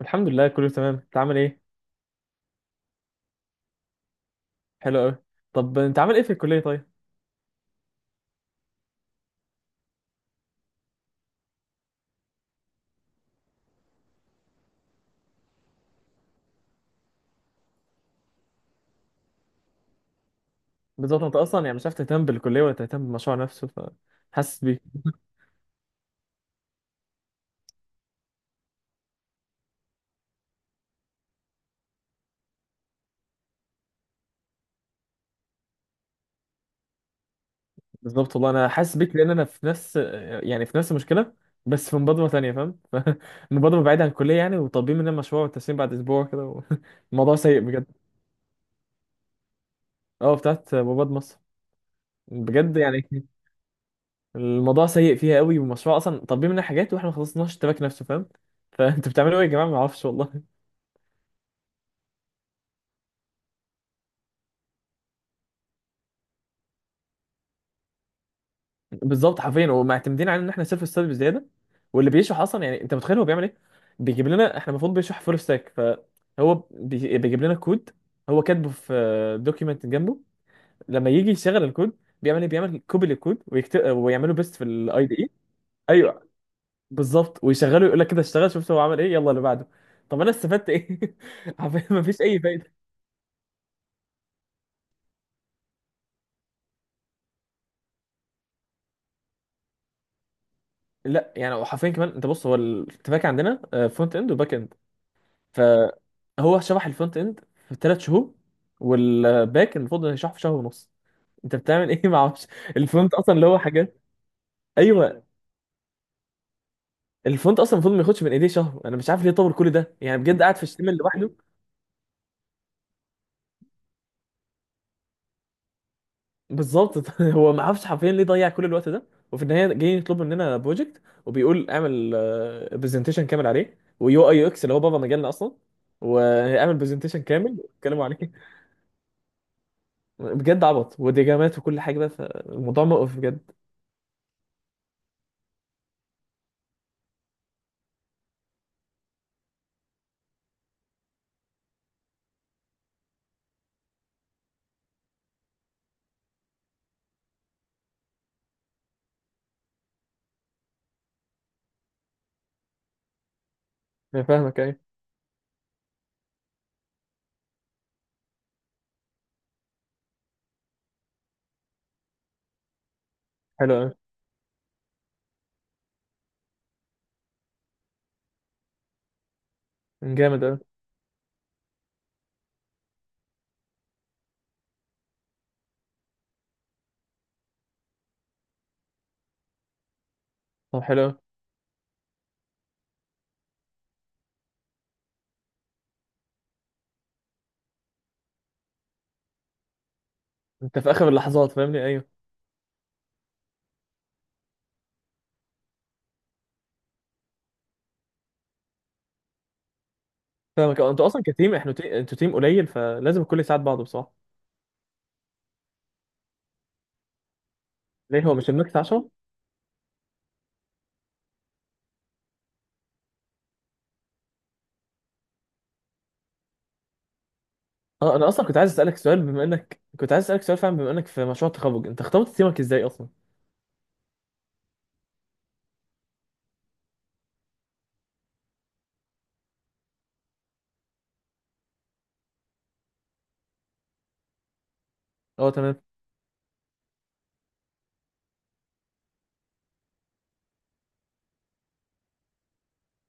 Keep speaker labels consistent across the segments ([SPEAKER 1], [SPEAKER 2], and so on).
[SPEAKER 1] الحمد لله، كله تمام. انت عامل ايه؟ حلو قوي. طب انت عامل ايه في الكليه طيب؟ بالظبط، انت اصلا يعني مش عارف تهتم بالكليه ولا تهتم بالمشروع نفسه. فحاسس بيك. بالظبط والله انا حاسس بيك، لان انا في نفس، في نفس المشكله. بس في مبادره ثانيه، فاهم؟ مبادره بعيده عن الكليه يعني، وطالبين مننا مشروع والتسليم بعد اسبوع كده الموضوع سيء بجد. اه، بتاعت مصر. بجد يعني الموضوع سيء فيها قوي، والمشروع اصلا طالبين مننا حاجات واحنا ما خلصناش التراك نفسه، فاهم؟ فانتوا بتعملوا ايه يا جماعه؟ ما اعرفش والله. بالظبط حرفيا، ومعتمدين على ان احنا سيلف ستادي بزياده. واللي بيشرح اصلا يعني انت متخيل هو بيعمل ايه؟ بيجيب لنا احنا المفروض بيشرح فول ستاك، فهو بيجيب لنا كود. هو كاتبه في دوكيمنت جنبه. لما يجي يشغل الكود بيعمل ايه؟ بيعمل كوبي للكود ويكتب ويعمله بيست في الاي دي اي. ايوه. بالظبط، ويشغله يقول لك كده اشتغل، شفت هو عمل ايه، يلا اللي بعده. طب انا استفدت ايه؟ حرفيا مفيش اي فايده. لا، يعني حرفيا كمان، انت بص، هو الاتفاق عندنا فرونت اند وباك. فهو شرح الفرونت اند في 3 شهور، والباك المفروض انه يشرحه في شهر ونص. انت بتعمل ايه؟ ما اعرفش. الفرونت اصلا اللي هو حاجات. ايوه. الفرونت اصلا المفروض ما ياخدش من ايديه شهر. انا مش عارف ليه طول كل ده يعني، بجد قاعد في اشتمل لوحده. بالظبط. هو ما اعرفش حرفيا ليه ضيع كل الوقت ده. وفي النهايه جاي يطلب مننا بروجكت، وبيقول اعمل برزنتيشن كامل عليه، ويو اي يو اكس، اللي هو بابا مجالنا اصلا، واعمل برزنتيشن كامل اتكلموا عليه. بجد عبط وديجامات وكل حاجه، بقى فالموضوع مقرف بجد. أنا فاهمك، أيوه. حلو قوي. جامد قوي. طب حلو قوي. انت في اخر اللحظات، فاهمني؟ ايوه. فاهمك. اه، انتوا اصلا كتيم، انتوا تيم قليل، فلازم الكل يساعد بعضه بصراحه. ليه هو مش الميكس 10؟ اه، انا اصلا كنت عايز اسالك سؤال، فعلا بما انك في مشروع التخرج، انت اخترت تيمك ازاي اصلا؟ اه تمام.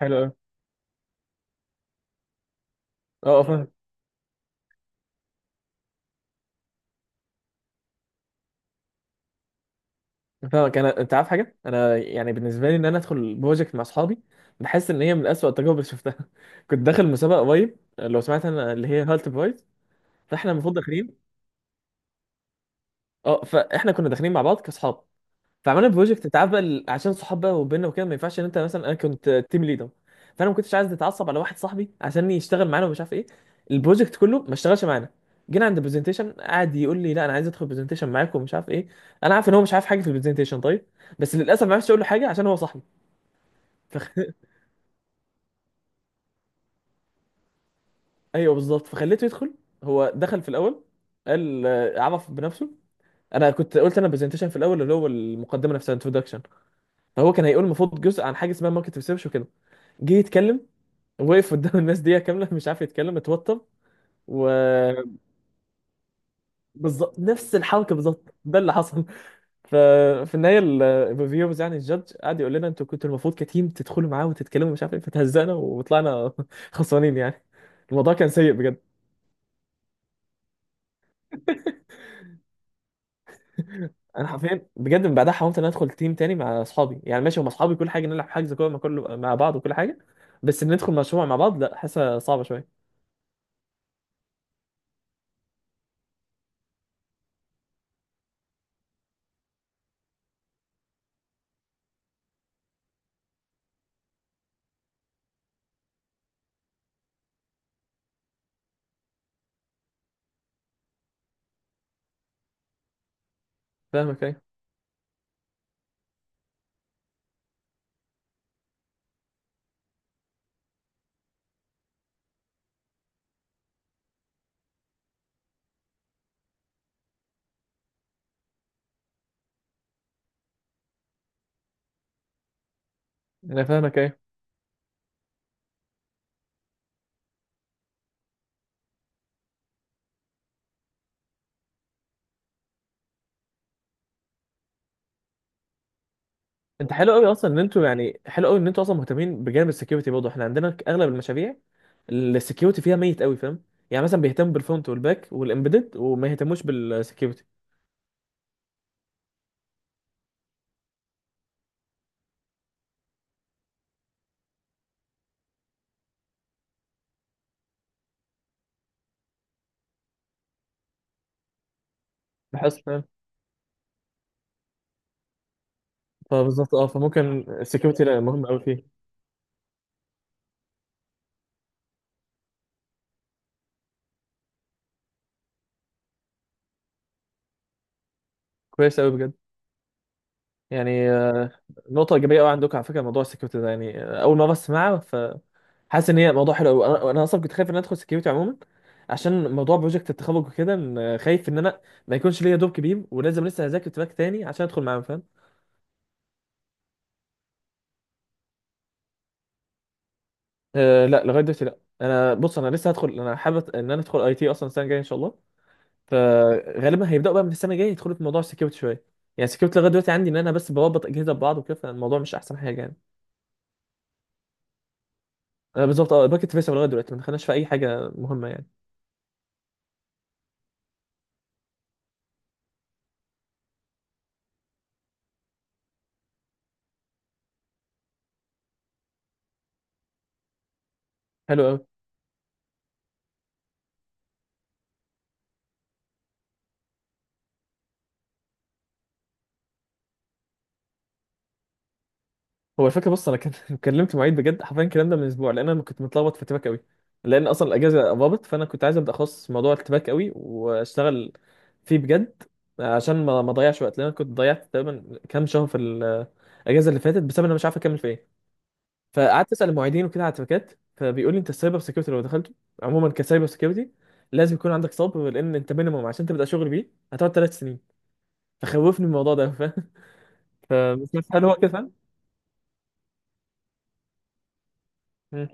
[SPEAKER 1] حلو قوي. اه، اه، فاهم. فاهمك. انا، انت عارف حاجه، انا يعني بالنسبه لي ان انا ادخل بروجكت مع اصحابي، بحس ان هي من اسوأ التجارب اللي شفتها. كنت داخل مسابقه قريب، لو سمعت، انا اللي هي هالت برايز. فاحنا المفروض داخلين. اه، فاحنا كنا داخلين مع بعض كاصحاب. فعملنا بروجكت، انت عارف بقى ال-، عشان صحاب بقى وبيننا وكده ما ينفعش ان انت مثلا، انا كنت تيم ليدر، فانا ما كنتش عايز اتعصب على واحد صاحبي عشان يشتغل معانا ومش عارف ايه. البروجكت كله ما اشتغلش معانا. جينا عند البرزنتيشن قعد يقول لي لا انا عايز ادخل برزنتيشن معاكم ومش عارف ايه. انا عارف ان هو مش عارف حاجه في البرزنتيشن طيب، بس للاسف ما عرفتش اقول له حاجه عشان هو صاحبي. فخ... ايوه بالظبط، فخليته يدخل. هو دخل في الاول، قال عرف بنفسه. انا كنت قلت انا برزنتيشن في الاول اللي هو المقدمه نفسها، انتروداكشن. فهو كان هيقول المفروض جزء عن حاجه اسمها ماركت ريسيرش وكده. جه يتكلم، وقف قدام الناس دقيقة كاملة مش عارف يتكلم، اتوتر. وبالظبط. نفس الحركة بالظبط، ده اللي حصل. ففي النهاية الريفيورز يعني الجادج قعد يقول لنا انتوا كنتوا المفروض كتيم تدخلوا معاه وتتكلموا، مش عارف ايه. فتهزقنا وطلعنا خسرانين يعني. الموضوع كان سيء بجد. انا حرفيا بجد من بعدها حاولت ان أنا ادخل تيم تاني مع اصحابي. يعني ماشي هم اصحابي كل حاجه، نلعب، حجز كوره مع كل مع بعض وكل حاجه، بس ندخل مشروع مع بعض لا، حاسه صعبه شويه. فاهمك ايه. انا فاهمك ايه. انت حلو قوي اصلا ان انتوا يعني، حلو قوي ان انتوا اصلا مهتمين بجانب السكيورتي، برضه احنا عندنا اغلب المشاريع السكيورتي فيها ميت قوي، فاهم؟ يعني مثلا بيهتم بالفرونت والباك والامبيدد وما يهتموش بالسكيورتي. بحس فاهم. فبالظبط، اه، فممكن السكيورتي لا مهم قوي فيه. كويس قوي بجد. يعني نقطه ايجابيه قوي عندكم على فكره موضوع السكيورتي ده، يعني اول مره اسمعها، فحاسس ان هي موضوع حلو قوي. انا، انا اصلا كنت خايف ان أنا ادخل سكيورتي عموما، عشان موضوع بروجكت التخرج وكده، إن، آه، خايف ان انا ما يكونش ليا دور كبير، ولازم لسه اذاكر تراك تاني عشان ادخل معاهم، فاهم؟ أه، لا لغايه دلوقتي. لا، انا بص انا لسه هدخل، انا حابب ان انا ادخل اي تي اصلا السنه الجايه ان شاء الله. فغالبا هيبداوا بقى من السنه الجايه يدخلوا في موضوع السكيورتي شويه. يعني السكيورتي لغايه دلوقتي عندي ان انا بس بربط اجهزه ببعض وكده، فالموضوع مش احسن حاجه يعني. أه بالظبط، اه، باكت فيصل لغايه دلوقتي ما دخلناش في اي حاجه مهمه يعني. حلو قوي. هو الفكره بص، انا كان كلمت المعيد بجد حرفيا الكلام ده من اسبوع، لان انا كنت متلخبط في اتباك قوي، لان اصلا الاجازه قربت، فانا كنت عايز ابدا اخصص موضوع الاتباك قوي واشتغل فيه بجد. عشان ما اضيعش وقت، لان انا كنت ضيعت تقريبا كام شهر في الاجازه اللي فاتت بسبب ان انا مش عارف اكمل في ايه. فقعدت اسال المعيدين وكده على التباكات، فبيقول لي انت السايبر سكيورتي لو دخلته عموما كسايبر سيكيورتي لازم يكون عندك صبر، لان انت مينيموم عشان تبدا شغل بيه هتقعد 3 سنين. فخوفني من الموضوع ده، فاهم؟ فمش عارف هل هو كده فاهم؟ مم.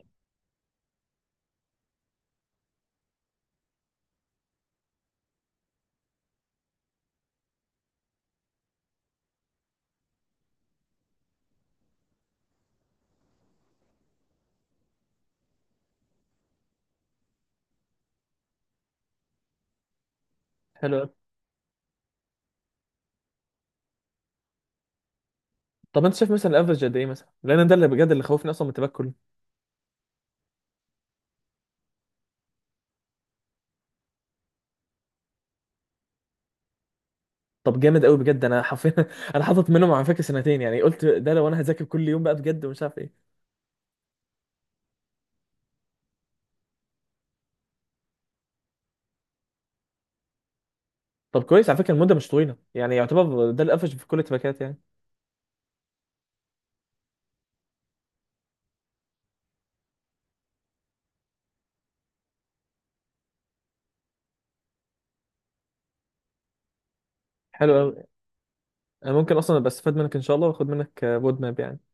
[SPEAKER 1] حلو. طب انت شايف مثلا الافرج قد ايه مثلا، لان أنا ده اللي بجد اللي خوفني اصلا من التباك كله. طب جامد قوي بجد، انا حرفيا انا حاطط منهم على فكره سنتين، يعني قلت ده لو انا هذاكر كل يوم بقى بجد ومش عارف ايه. طب كويس، على فكره المده مش طويله يعني، يعتبر ده الافرج في كل التباكات يعني. حلو قوي. انا ممكن اصلا ابقى استفاد منك ان شاء الله، واخد منك رود ماب يعني.